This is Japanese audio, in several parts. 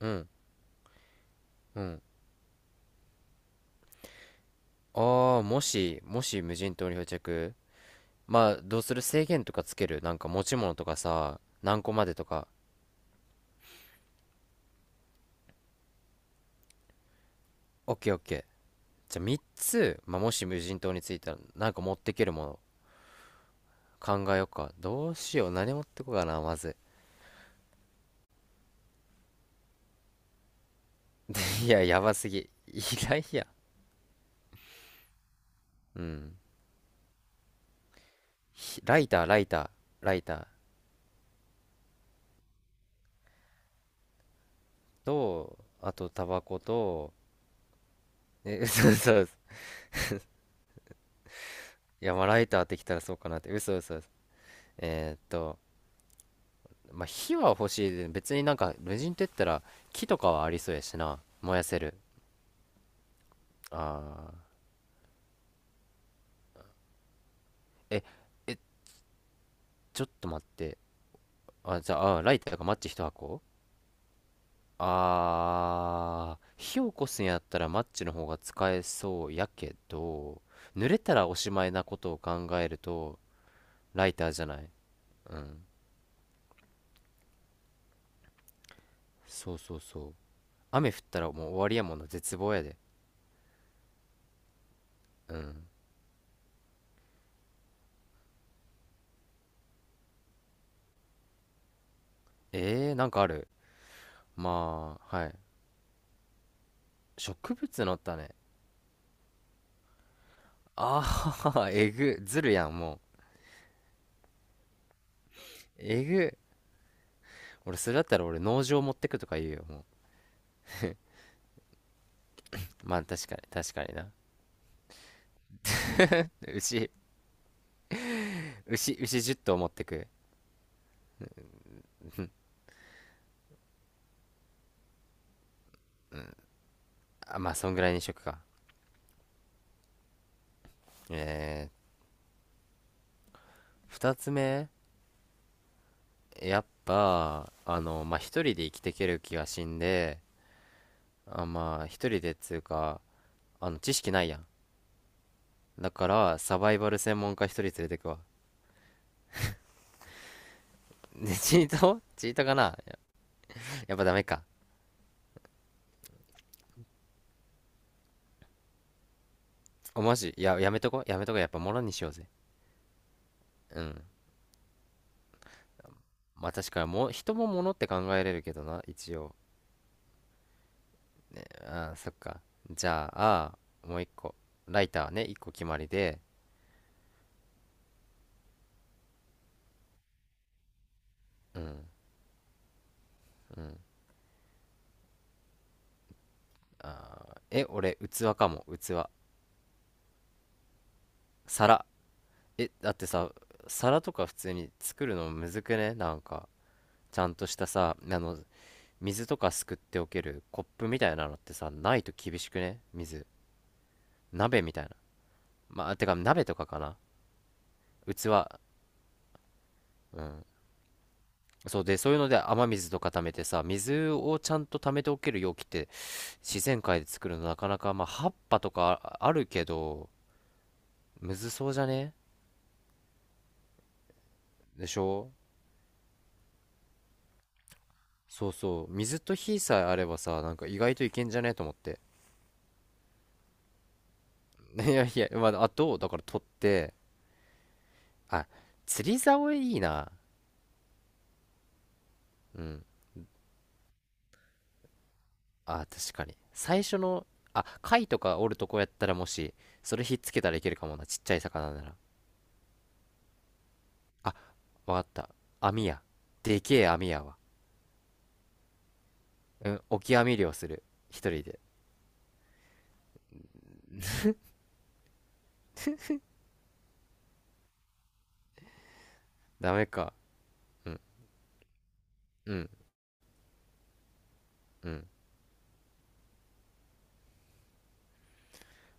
うん、うん。ああ、もし無人島に漂着。まあ、どうする？制限とかつけるなんか、持ち物とかさ、何個までとか。オッケーオッケー。じゃあ3つ、まあ、もし無人島に着いたら、なんか持ってけるもの考えよっか。どうしよう。何持ってこうかな、まず。で、いや、やばすぎ。いらいや。うん。ひライターと、あと、タバコと、え、嘘嘘嘘。いや、まあ、ライターってきたらそうかなって。嘘嘘嘘。えーっと、まあ、火は欲しいで。別になんか無人って言ったら、木とかはありそうやしな、燃やせる。ああ、ええ、ちょっと待って。あ、じゃあ、あー、ライターかマッチ一箱。あー、火起こすんやったらマッチの方が使えそうやけど、濡れたらおしまいなことを考えると、ライターじゃない？うん、そうそうそう。雨降ったらもう終わりやもんな、絶望やで。うん。なんかある？まあ、はい。植物の種。あ、あー、えぐ、ずるやん、もう。えぐ。俺、それだったら俺、農場持ってくとか言うよ、もう。まあ、確かに、確かにな。牛、牛10頭持ってく。あ、まあ、そんぐらいにしとくか。え二つ目、やっぱ、あの、まあ、一人で生きていける気がしんで、あ、まあ、一人でっつうか、あの、知識ないやん。だから、サバイバル専門家一人連れてくわ。で、チートチートかな？やっぱダメか。お、マジ、いや、やめとこ、やめとこ、やっぱもろにしようぜ。うん。まあ確かにも人も物って考えれるけどな、一応。あー、そっか。じゃあ、もう一個。ライターね、一個決まりで。うん、うん。あー、え、俺器かも、器、皿。え、だってさ、皿とか普通に作るのむずくね？なんか、ちゃんとしたさ、あの、水とかすくっておけるコップみたいなのってさ、ないと厳しくね、水？鍋みたいな、まあ、てか鍋とかかな。器。うん。そうで、そういうので雨水とか溜めてさ、水をちゃんと溜めておける容器って、自然界で作るのなかなか、まあ、葉っぱとかああるけど、むずそうじゃね？でしょ？そうそう。水と火さえあればさ、なんか意外といけんじゃねと思って。いやいや、まあ、あと、だから取って、あ、釣り竿いいな。うん。あ、確かに。最初の、あ、貝とかおるとこやったらもし、それひっつけたらいけるかもな。ちっちゃい魚なら。あ、わかった。網や。でけえ網やわ。うん、オキアミ漁する。一人で。ダメか。うん、うん、うん。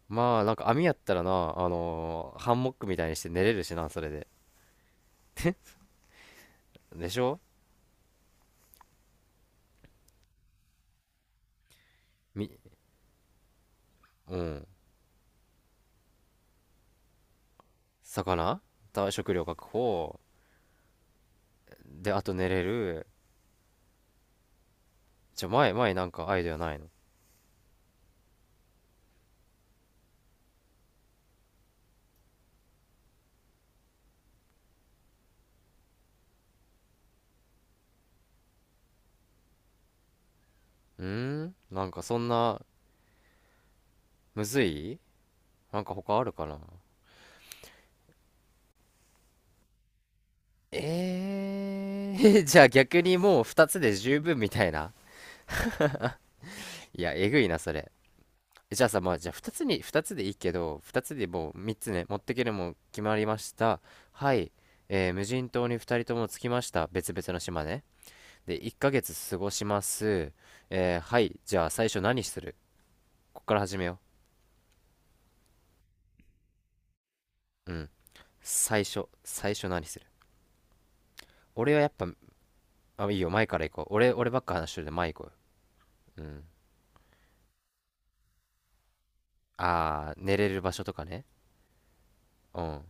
まあ、なんか網やったらな、ハンモックみたいにして寝れるしな、それで。でしょ？み、うん。魚た食料確保。で、あと寝れる。じゃ、前なんかアイデアないの？うーん、なんかそんな、むずい。なんか他あるかな？じゃあ逆にもう二つで十分みたいな。いや、えぐいな、それ。じゃあさ、まあ、じゃあ2つに、2つでいいけど、2つでもう3つね、持ってけるもん決まりました。はい。無人島に2人とも着きました。別々の島ね。で、1ヶ月過ごします。はい。じゃあ最初何する？こっから始めよう。うん。最初何する？俺はやっぱ、あ、いいよ、前から行こう。俺ばっか話してるんで、前行こうよ。うん。あー、寝れる場所とかね。うん。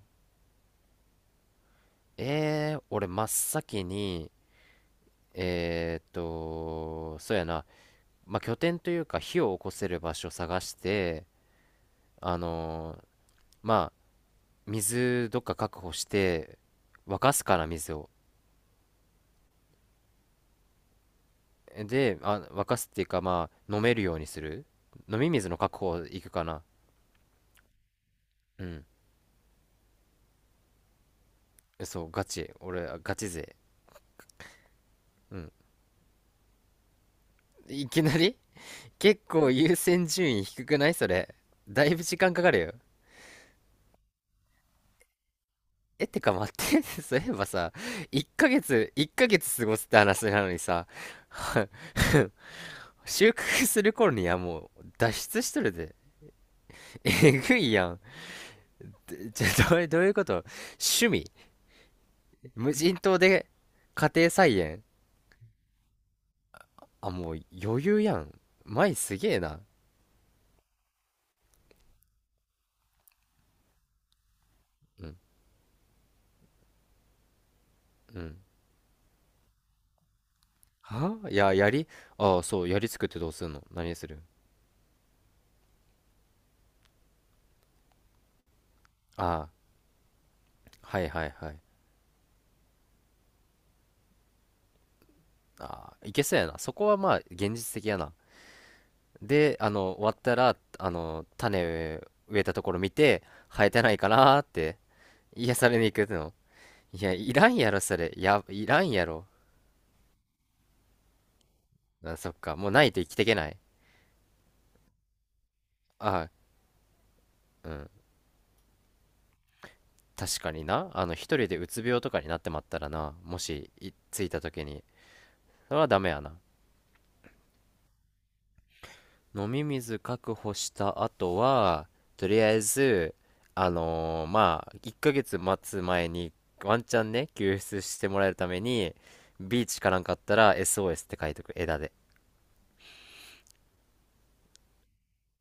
俺真っ先に、そうやな。まあ、拠点というか火を起こせる場所を探して、あのーまあ、水どっか確保して沸かすから水を。で、あ、沸かすっていうか、まあ、飲めるようにする。飲み水の確保いくかな。うん。そうガチ、俺ガチ勢。うん。いきなり？結構優先順位低くない、それ？だいぶ時間かかるよ。ってか待って。 そういえばさ、1ヶ月過ごすって話なのにさ、 収穫する頃にはもう脱出しとるで。えぐいやん。でじゃ、どういうこと？趣味？無人島で？家庭菜園。あ、もう余裕やん。前すげえな。うん、うん。はいや、やり、ああ、そう、やり作ってどうすんの？何する？ああ、はいはいはい。ああ、いけそうやな。そこはまあ、現実的やな。で、あの、終わったら、あの、種植えたところ見て、生えてないかなーって、癒されに行くの。いや、いらんやろ、それ。や、いらんやろ。あ、そっか。もうないと生きていけない。あ、うん。確かにな。あの、一人でうつ病とかになってまったらな。もし、着いた時に。それはダメやな。飲み水確保した後は、とりあえず、まあ、1ヶ月待つ前に、ワンチャンね、救出してもらえるために、ビーチかなんかあったら SOS って書いとく、枝で。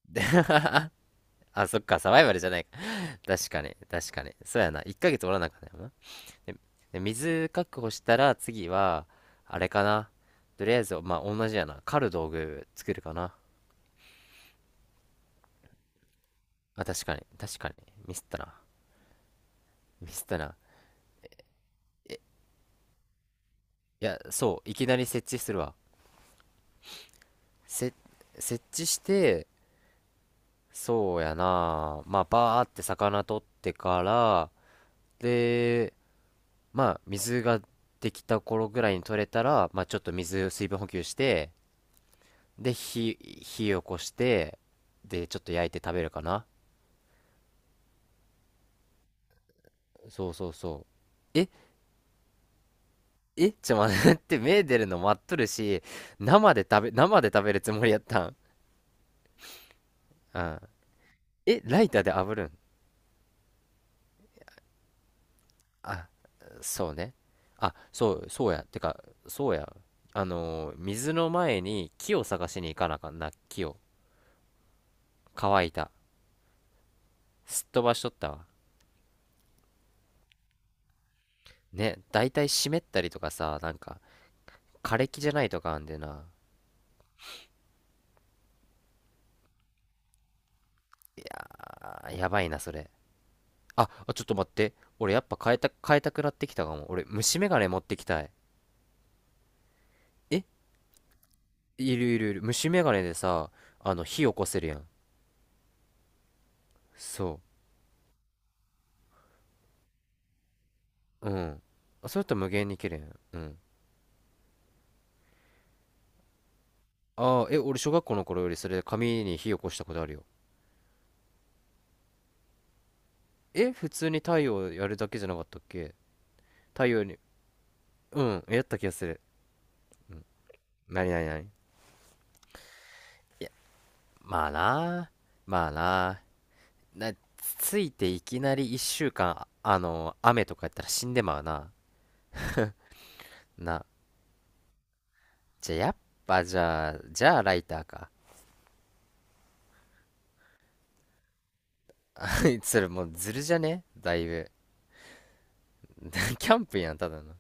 あ、そっか、サバイバルじゃないか。確かに、確かに。そうやな。1ヶ月おらなあかんやよな。で、で水確保したら次は、あれかな。とりあえず、まあ、同じやな。狩る道具作るかな。まあ、確かに、確かに。ミスったな。ミスったな。え、いや、そう、いきなり設置するわ。せ、設置して、そうやな。まあ、バーって魚取ってから、で、まあ、水ができた頃ぐらいに取れたら、まあ、ちょっと水分補給して、で、火起こして、で、ちょっと焼いて食べるかな。そうそうそう。ちょ、待って、目出るの待っとるし、生で食べるつもりやったん。うん。ライターで炙るん？あ、そうね。あ、そうや。てか、そうや。水の前に木を探しに行かなあかんな、木を。乾いた。すっ飛ばしとったわ。ね、だいたい湿ったりとかさ、なんか、枯れ木じゃないとかあんでな。あーやばいな、それ。あちょっと待って。俺やっぱ変えたくなってきたかも。俺、虫眼鏡持ってきたい。えいるいるいる。虫眼鏡でさ、あの、火起こせるやん。そう。うん。あ、それやったら無限に綺麗やん。うん。ああ、俺小学校の頃よりそれで紙に火起こしたことあるよ。え、普通に太陽やるだけじゃなかったっけ？太陽に、うん、やった気がする。うん。なになになに？いや、まあな。まあな。な、ついていきなり一週間、ああの、雨とかやったら死んでまうな。な、じゃあ、やっぱじゃあライターか。それもうずるじゃね、だいぶ。キャンプやんただの。